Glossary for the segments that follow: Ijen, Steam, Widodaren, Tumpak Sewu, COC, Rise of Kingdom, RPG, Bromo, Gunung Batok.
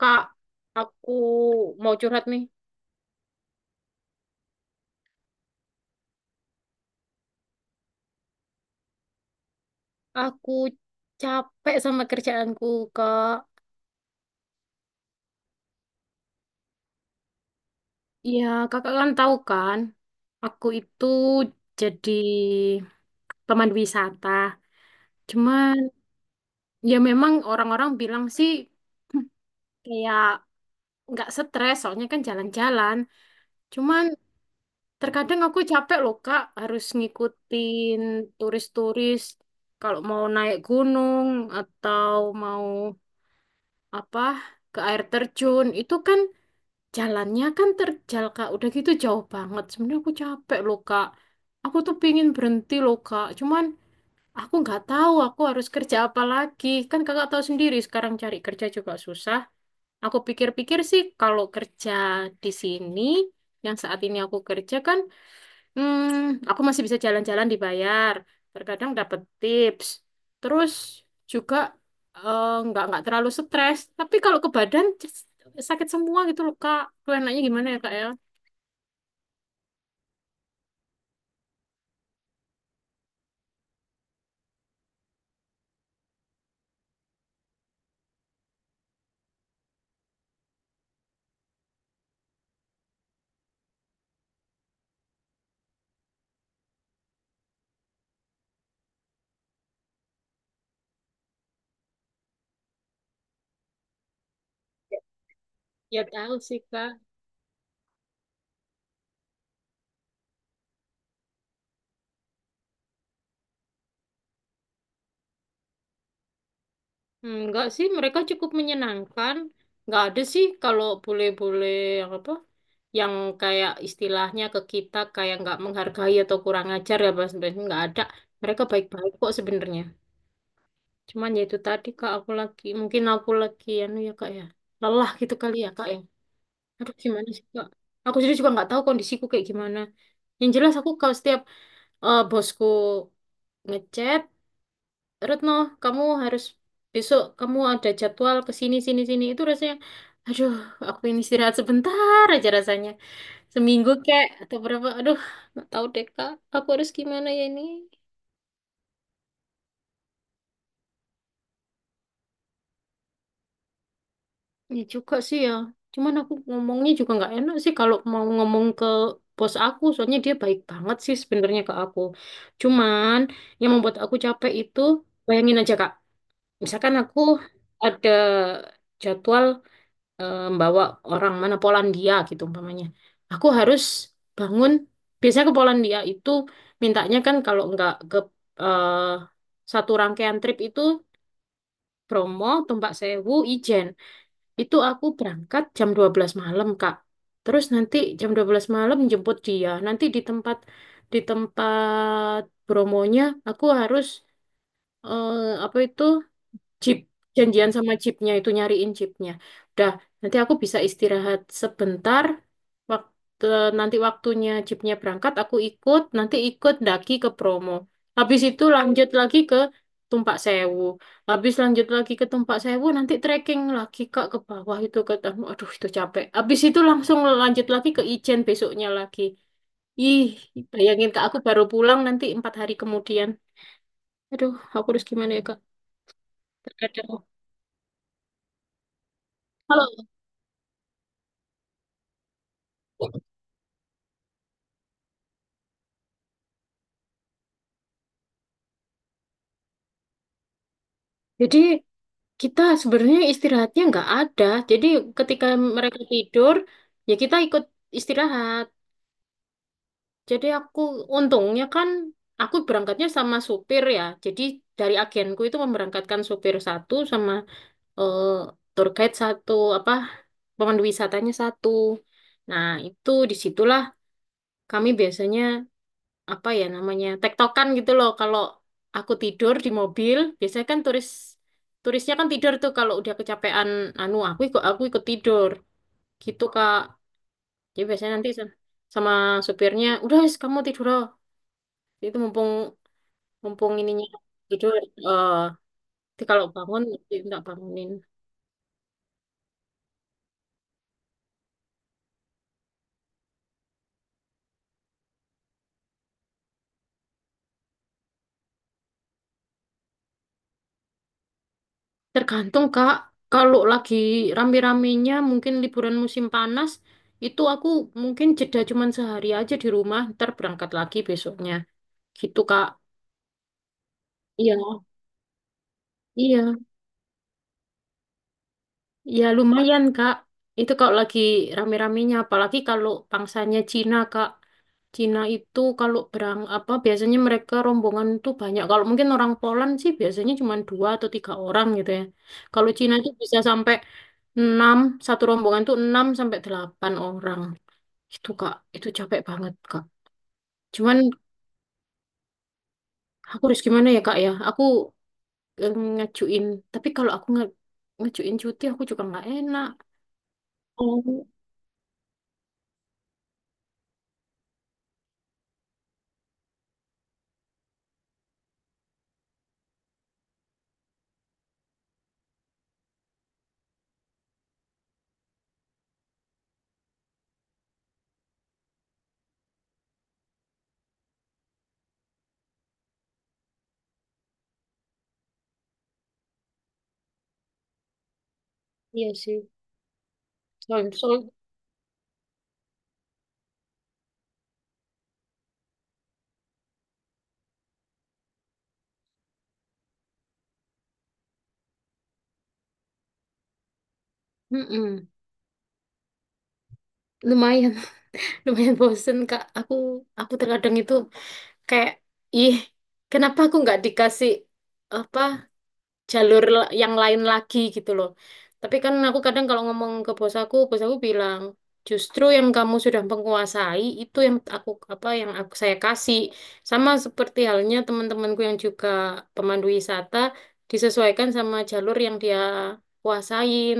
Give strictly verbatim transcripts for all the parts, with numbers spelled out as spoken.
Kak, aku mau curhat nih. Aku capek sama kerjaanku, Kak. Iya, kakak kan tahu kan, aku itu jadi pemandu wisata. Cuman, ya memang orang-orang bilang sih kayak nggak stres, soalnya kan jalan-jalan. Cuman, terkadang aku capek loh Kak, harus ngikutin turis-turis kalau mau naik gunung atau mau apa ke air terjun. Itu kan jalannya kan terjal Kak, udah gitu jauh banget. Sebenarnya aku capek loh Kak, aku tuh pingin berhenti loh Kak. Cuman aku nggak tahu aku harus kerja apa lagi, kan kakak tahu sendiri sekarang cari kerja juga susah. Aku pikir-pikir sih kalau kerja di sini yang saat ini aku kerja kan, Hmm, aku masih bisa jalan-jalan dibayar. Terkadang dapat tips. Terus juga eh, nggak nggak terlalu stres. Tapi kalau ke badan c- sakit semua gitu loh Kak. Tuh enaknya gimana ya Kak ya? Ya tahu sih Kak. Hmm, nggak sih, mereka cukup menyenangkan. Nggak ada sih kalau bule-bule yang apa? Yang kayak istilahnya ke kita kayak nggak menghargai atau kurang ajar ya Mas. Nggak ada. Mereka baik-baik kok sebenarnya. Cuman ya itu tadi Kak, aku lagi, mungkin aku lagi, anu ya Kak ya, lelah gitu kali ya Kak ya. Aduh, gimana sih Kak? Aku sendiri juga nggak tahu kondisiku kayak gimana. Yang jelas aku kalau setiap eh, bosku ngechat, "Retno, kamu harus, besok kamu ada jadwal ke sini sini sini," itu rasanya, aduh, aku ini istirahat sebentar aja rasanya. Seminggu kek atau berapa? Aduh, nggak tahu deh Kak, aku harus gimana ya ini? Ya juga sih ya. Cuman aku ngomongnya juga nggak enak sih kalau mau ngomong ke bos aku, soalnya dia baik banget sih sebenarnya ke aku. Cuman yang membuat aku capek itu, bayangin aja Kak, misalkan aku ada jadwal eh, membawa orang mana Polandia gitu umpamanya. Aku harus bangun, biasanya ke Polandia itu mintanya kan kalau nggak ke eh, satu rangkaian trip itu Bromo, Tumpak Sewu, Ijen. Itu aku berangkat jam dua belas malam, Kak. Terus nanti jam dua belas malam jemput dia. Nanti di tempat di tempat promonya aku harus eh, apa itu? Chip, janjian sama chipnya, itu nyariin chipnya. Dah, nanti aku bisa istirahat sebentar. Waktu nanti waktunya chipnya berangkat, aku ikut. Nanti ikut daki ke promo. Habis itu lanjut lagi ke Tumpak Sewu. Habis lanjut lagi ke Tumpak Sewu, nanti trekking lagi Kak ke bawah itu ke Tanu. Aduh, itu capek. Habis itu langsung lanjut lagi ke Ijen besoknya lagi. Ih, bayangin Kak, aku baru pulang nanti empat hari kemudian. Aduh, aku harus gimana ya Kak? Terkadang. Kalau Jadi kita sebenarnya istirahatnya nggak ada. Jadi ketika mereka tidur, ya kita ikut istirahat. Jadi aku, untungnya kan aku berangkatnya sama supir ya. Jadi dari agenku itu memberangkatkan supir satu sama eh, tour guide satu, apa pemandu wisatanya satu. Nah itu disitulah kami biasanya apa ya namanya tektokan gitu loh, kalau aku tidur di mobil biasanya kan turis turisnya kan tidur tuh kalau udah kecapean, anu aku ikut aku ikut tidur gitu Kak. Jadi biasanya nanti sa- sama supirnya udah wis kamu tidur loh, itu mumpung mumpung ininya tidur, eh nanti kalau bangun tidak bangunin. Tergantung Kak, kalau lagi rame-ramenya, mungkin liburan musim panas, itu aku mungkin jeda cuman sehari aja di rumah, ntar berangkat lagi besoknya gitu Kak. Iya, iya, iya, lumayan Kak. Itu kalau lagi rame-ramenya, apalagi kalau pangsanya Cina Kak. Cina itu kalau berang apa biasanya mereka rombongan tuh banyak. Kalau mungkin orang Poland sih biasanya cuma dua atau tiga orang gitu ya. Kalau Cina itu bisa sampai enam, satu rombongan tuh enam sampai delapan orang. Itu Kak, itu capek banget Kak. Cuman aku harus gimana ya Kak ya? Aku eh, ngajuin, tapi kalau aku nge ngajuin cuti aku juga nggak enak. Oh, iya sih. Soal, soal, mm-mm. Lumayan, lumayan bosen Kak. Aku, aku terkadang itu kayak, ih, kenapa aku nggak dikasih apa jalur la- yang lain lagi gitu loh. Tapi kan aku kadang kalau ngomong ke bos aku, bos aku bilang, justru yang kamu sudah menguasai itu yang aku, apa, yang aku saya kasih. Sama seperti halnya teman-temanku yang juga pemandu wisata, disesuaikan sama jalur yang dia kuasain.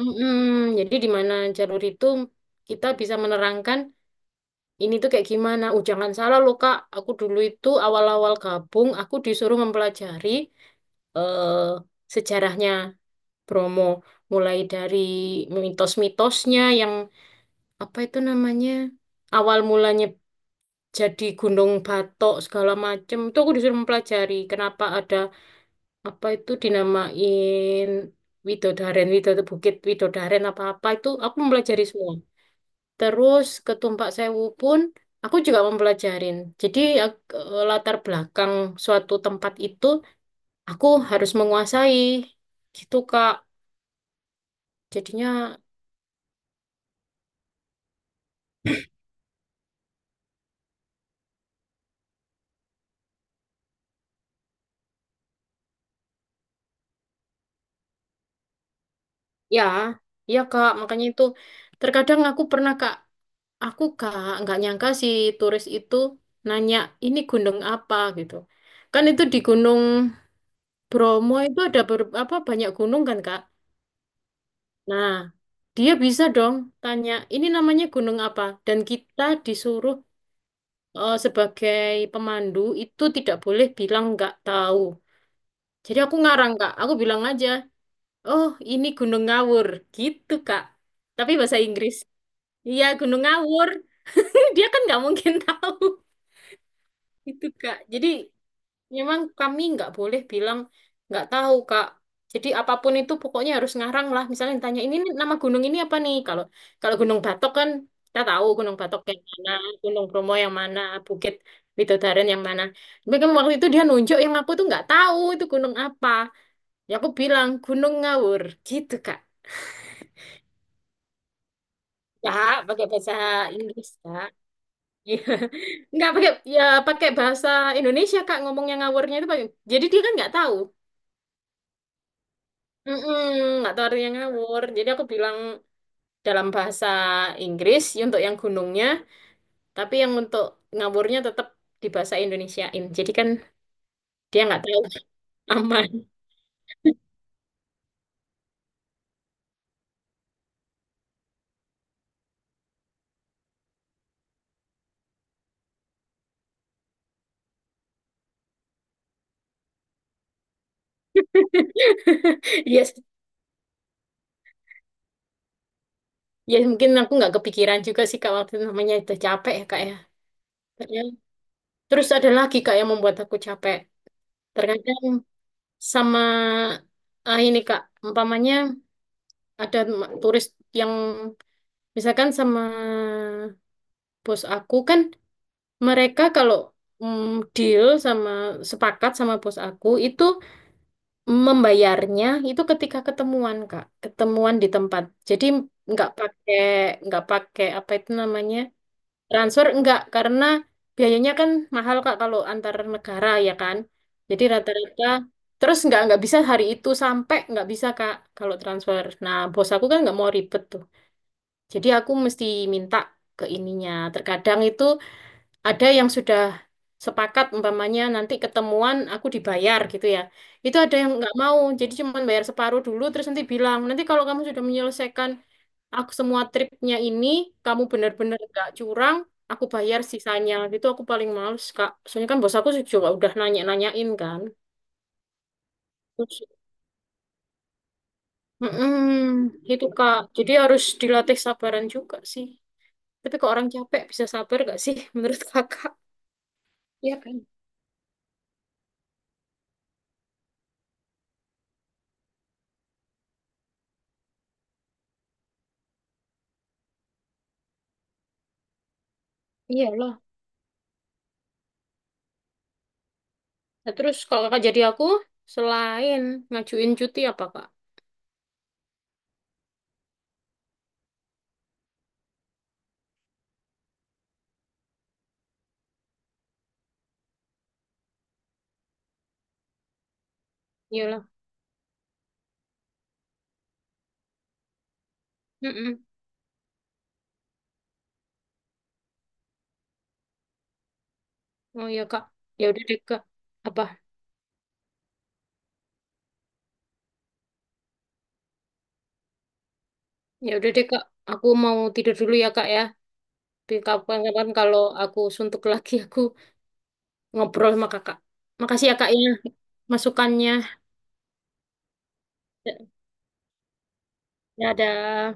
Mm-mm. Jadi di mana jalur itu kita bisa menerangkan ini tuh kayak gimana. Uh, jangan salah loh Kak, aku dulu itu awal-awal gabung, aku disuruh mempelajari eh, sejarahnya Bromo, mulai dari mitos-mitosnya yang apa itu namanya awal mulanya jadi Gunung Batok segala macem. Itu aku disuruh mempelajari kenapa ada apa itu dinamain Widodaren, Widodaren, Bukit Widodaren, apa-apa itu aku mempelajari semua. Terus ketumpak sewu pun aku juga mempelajarin. Jadi ak- eh, latar belakang suatu tempat itu aku harus menguasai gitu Kak. Jadinya ya, ya Kak, makanya itu terkadang aku pernah Kak, aku Kak nggak nyangka si turis itu nanya ini gunung apa gitu. Kan itu di Gunung Bromo itu ada ber- apa banyak gunung kan Kak. Nah, dia bisa dong tanya, ini namanya gunung apa? Dan kita disuruh, eh, sebagai pemandu itu tidak boleh bilang nggak tahu. Jadi aku ngarang Kak, aku bilang aja, oh ini Gunung Ngawur, gitu Kak. Tapi bahasa Inggris. Iya Gunung Ngawur, dia kan nggak mungkin tahu itu Kak. Jadi memang kami nggak boleh bilang nggak tahu, Kak. Jadi apapun itu pokoknya harus ngarang lah. Misalnya ditanya ini nih, nama gunung ini apa nih? Kalau kalau Gunung Batok kan kita tahu Gunung Batok yang mana, Gunung Bromo yang mana, Bukit Widodaren yang mana. Tapi kan waktu itu dia nunjuk yang aku tuh nggak tahu itu gunung apa. Ya aku bilang Gunung Ngawur gitu, Kak. Ya, pakai bahasa Inggris, Kak. Iya. Nggak pakai, ya pakai bahasa Indonesia, Kak, ngomongnya ngawurnya itu pakai. Jadi dia kan nggak tahu. Mm-mm, nggak tahu artinya ngawur. Jadi aku bilang dalam bahasa Inggris ya untuk yang gunungnya, tapi yang untuk ngawurnya tetap di bahasa Indonesiain. Jadi kan dia nggak tahu. Aman. Yes, ya mungkin aku nggak kepikiran juga sih Kak waktu itu, namanya udah capek ya Kak ya. Ternyata- Terus ada lagi Kak yang membuat aku capek. Terkadang sama, ah, ini Kak, umpamanya ada ma- turis yang misalkan sama bos aku kan. Mereka kalau mm, deal sama sepakat sama bos aku itu, membayarnya itu ketika ketemuan Kak, ketemuan di tempat. Jadi nggak pakai nggak pakai apa itu namanya, transfer nggak, karena biayanya kan mahal Kak kalau antar negara ya kan. Jadi rata-rata terus nggak nggak bisa hari itu sampai nggak bisa Kak kalau transfer. Nah bos aku kan nggak mau ribet tuh. Jadi aku mesti minta ke ininya. Terkadang itu ada yang sudah sepakat umpamanya nanti ketemuan aku dibayar gitu ya. Itu ada yang nggak mau, jadi cuma bayar separuh dulu terus nanti bilang, nanti kalau kamu sudah menyelesaikan aku semua tripnya ini, kamu benar-benar nggak curang, aku bayar sisanya. Itu aku paling males, Kak. Soalnya kan bos aku juga udah nanya-nanyain kan. Terus, mm itu Kak. Jadi harus dilatih sabaran juga sih. Tapi kok orang capek bisa sabar gak sih menurut Kakak? Iya kan? Iyalah. Nah, terus kalau kakak jadi aku, selain ngajuin cuti apa Kak? Iyalah. Mm-mm. Oh ya Kak. Ya udah deh Kak. Apa? Ya udah deh Kak. Aku mau tidur dulu ya Kak ya. Tapi kapan-kapan kalau aku suntuk lagi, aku ngobrol sama kakak. Makasih ya Kak ya masukannya. Ya, dadah.